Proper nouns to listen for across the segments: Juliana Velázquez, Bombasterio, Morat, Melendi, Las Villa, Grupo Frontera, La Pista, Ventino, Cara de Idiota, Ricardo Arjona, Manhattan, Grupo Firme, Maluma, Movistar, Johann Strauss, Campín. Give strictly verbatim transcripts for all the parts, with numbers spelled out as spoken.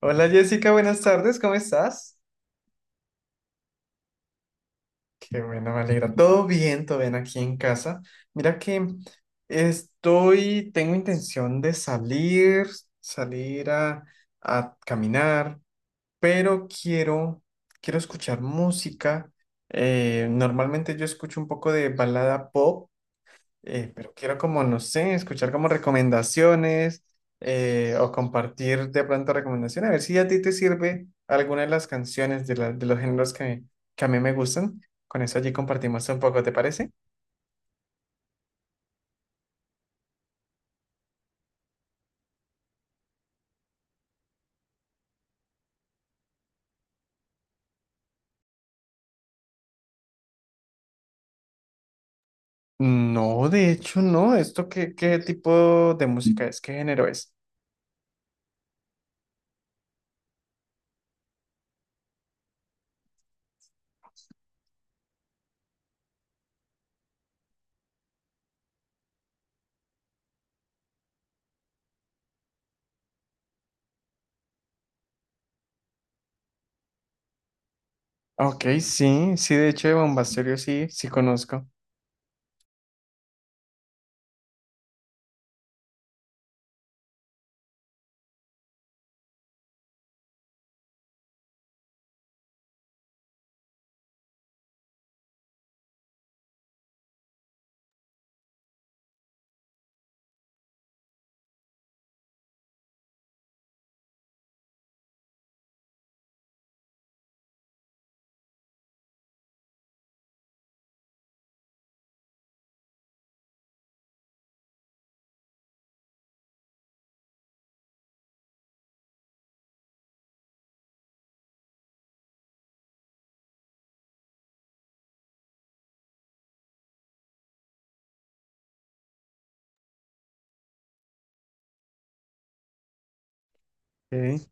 Hola Jessica, buenas tardes, ¿cómo estás? Qué bueno, me alegra. Todo bien, todo bien aquí en casa. Mira que estoy, tengo intención de salir, salir a, a caminar, pero quiero, quiero escuchar música. Eh, normalmente yo escucho un poco de balada pop, eh, pero quiero como, no sé, escuchar como recomendaciones, eh, o compartir de pronto recomendaciones, a ver si a ti te sirve alguna de las canciones de, la- de los géneros que, que a mí me gustan. Con eso allí compartimos un poco, ¿te parece? No, de hecho no. ¿Esto qué, qué tipo de música es? ¿Qué género es? Ok, sí, sí, de hecho de Bombasterio sí, sí conozco. Ok.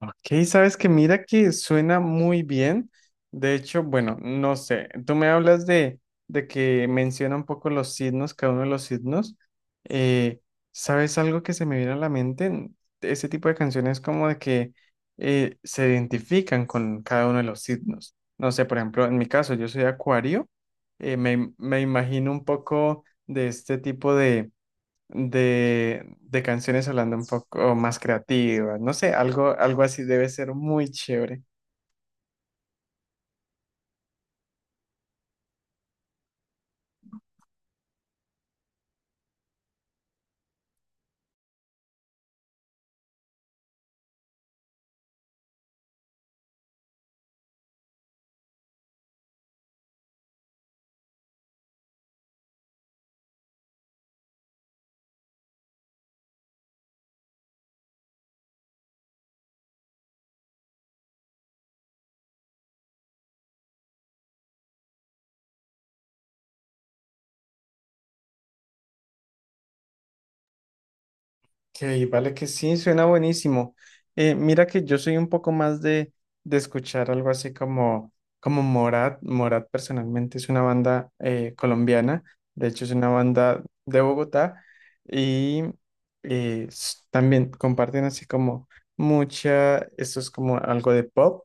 Ok, sabes que mira que suena muy bien. De hecho, bueno, no sé, tú me hablas de, de que menciona un poco los signos, cada uno de los signos. Eh, ¿Sabes algo que se me viene a la mente? Ese tipo de canciones como de que eh, se identifican con cada uno de los signos. No sé, por ejemplo, en mi caso, yo soy acuario. eh, me, me imagino un poco de este tipo de de, de canciones hablando un poco más creativas, no sé, algo, algo así debe ser muy chévere. Que vale que sí, suena buenísimo. Eh, mira que yo soy un poco más de, de escuchar algo así como, como Morat. Morat personalmente es una banda eh, colombiana, de hecho es una banda de Bogotá y eh, s- también comparten así como mucha, esto es como algo de pop.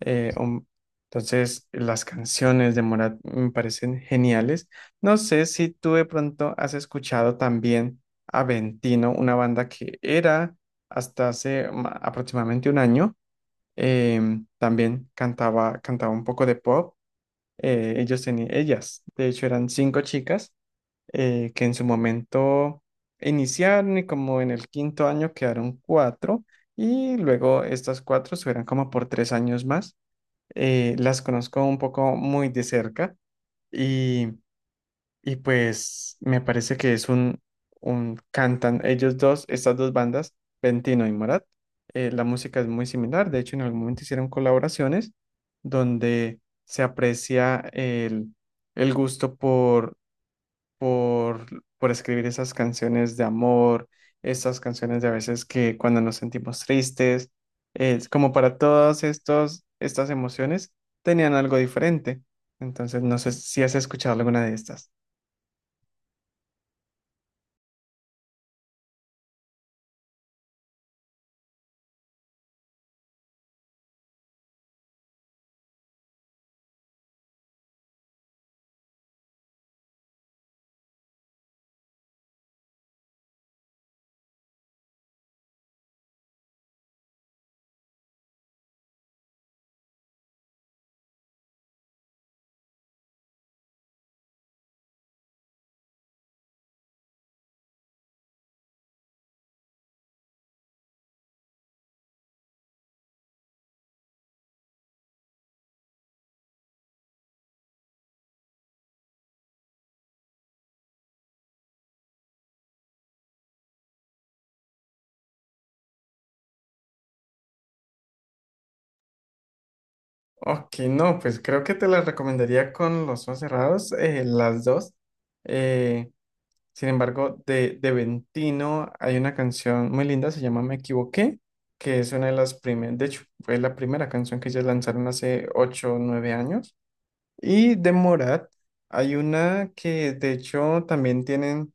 Eh, um, entonces, las canciones de Morat me parecen geniales. No sé si tú de pronto has escuchado también a Ventino, una banda que era hasta hace ma- aproximadamente un año. em, también cantaba, cantaba un poco de pop. Eh, ellos tenían, ellas, de hecho, eran cinco chicas, eh, que en su momento iniciaron y como en el quinto año quedaron cuatro y luego estas cuatro subieron como por tres años más, eh, las conozco un poco muy de cerca, y, y pues me parece que es un, un cantan ellos dos, estas dos bandas, Ventino y Morat. eh, la música es muy similar, de hecho en algún momento hicieron colaboraciones donde se aprecia el, el gusto por, por escribir esas canciones de amor, esas canciones de a veces que cuando nos sentimos tristes, es como para todas estos estas emociones tenían algo diferente. Entonces, no sé si has escuchado alguna de estas. Ok, no, pues creo que te las recomendaría con los ojos cerrados, eh, las dos. Eh, Sin embargo, de, de Ventino hay una canción muy linda, se llama Me Equivoqué, que es una de las primeras, de hecho, fue la primera canción que ellos lanzaron hace ocho o nueve años. Y de Morat hay una que de hecho también tienen,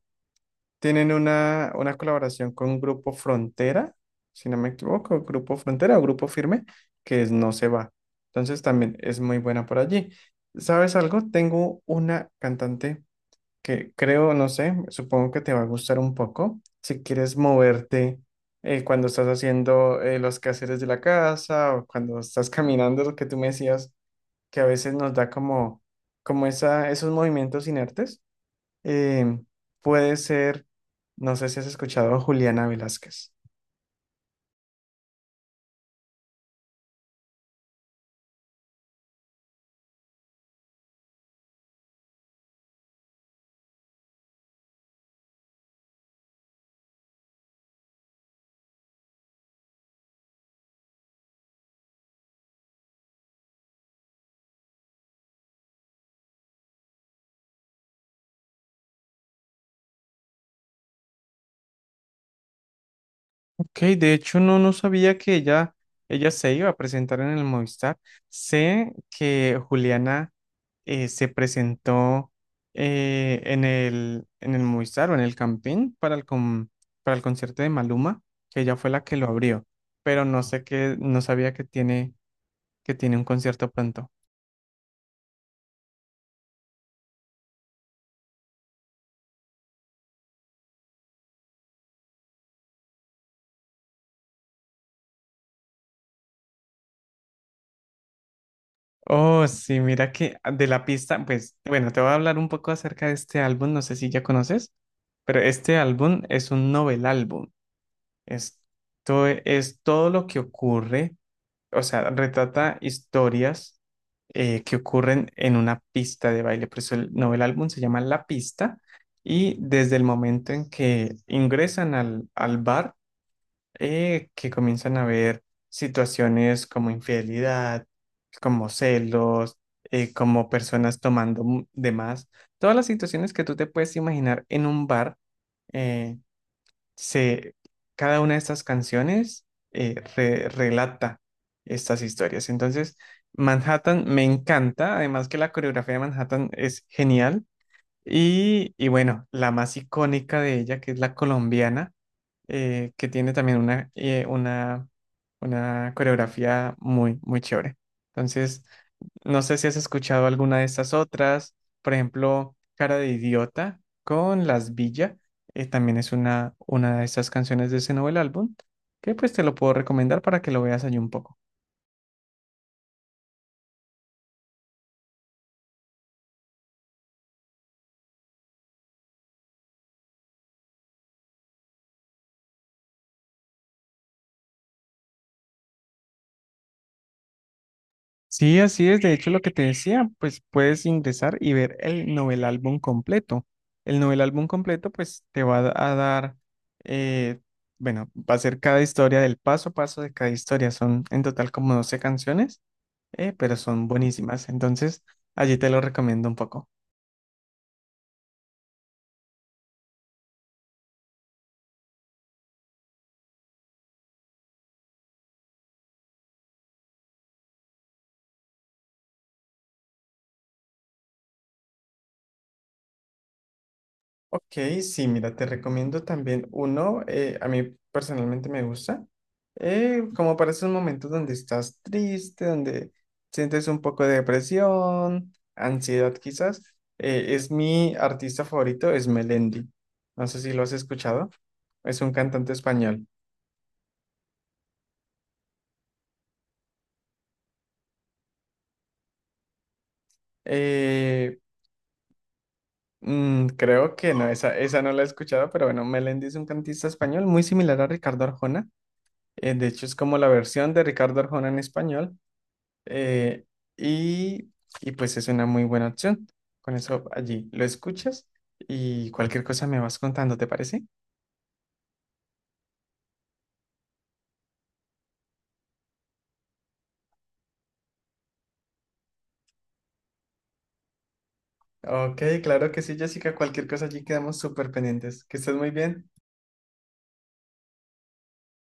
tienen una, una colaboración con Grupo Frontera, si no me equivoco, Grupo Frontera o Grupo Firme, que es No se va. Entonces también es muy buena por allí. ¿Sabes algo? Tengo una cantante que creo, no sé, supongo que te va a gustar un poco. Si quieres moverte eh, cuando estás haciendo eh, los quehaceres de la casa o cuando estás caminando, lo que tú me decías, que a veces nos da como, como esa, esos movimientos inertes, eh, puede ser, no sé si has escuchado a Juliana Velázquez. Ok, de hecho no, no sabía que ella, ella se iba a presentar en el Movistar. Sé que Juliana eh, se presentó eh, en el, en el Movistar o en el Campín para el, con- para el concierto de Maluma, que ella fue la que lo abrió, pero no sé qué, no sabía que tiene, que tiene un concierto pronto. Oh, sí, mira que ah, de la pista, pues bueno, te voy a hablar un poco acerca de este álbum, no sé si ya conoces, pero este álbum es un novel álbum. Esto es todo lo que ocurre, o sea, retrata historias eh, que ocurren en una pista de baile. Por eso el, novel álbum se llama La Pista y desde el momento en que ingresan al, al bar, eh, que comienzan a ver situaciones como infidelidad, como celos, eh, como personas tomando mu- de más, todas las situaciones que tú te puedes imaginar en un bar, eh, se, cada una de estas canciones eh, re- relata estas historias. Entonces, Manhattan me encanta, además que la coreografía de Manhattan es genial. Y, y bueno, la más icónica de ella, que es la colombiana, eh, que tiene también una, eh, una, una coreografía muy, muy chévere. Entonces, no sé si has escuchado alguna de estas otras, por ejemplo, Cara de Idiota con Las Villa, eh, también es una, una de esas canciones de ese nuevo álbum, que pues te lo puedo recomendar para que lo veas allí un poco. Sí, así es, de hecho lo que te decía, pues puedes ingresar y ver el novel álbum completo. El novel álbum completo pues te va a dar, eh, bueno, va a ser cada historia del paso a paso de cada historia, son en total como doce canciones, eh, pero son buenísimas. Entonces, allí te lo recomiendo un poco. Ok, sí, mira, te recomiendo también uno, eh, a mí personalmente me gusta, eh, como para esos momentos donde estás triste, donde sientes un poco de depresión, ansiedad quizás, eh, es mi artista favorito, es Melendi. No sé si lo has escuchado, es un cantante español. Eh, Mm, creo que no, esa, esa no la he escuchado, pero bueno, Melendi es un cantista español muy similar a Ricardo Arjona. Eh, de hecho, es como la versión de Ricardo Arjona en español. eh, y, y pues es una muy buena opción. Con eso allí lo escuchas y cualquier cosa me vas contando, ¿te parece? Ok, claro que sí, Jessica. Cualquier cosa allí quedamos súper pendientes. Que estés muy bien.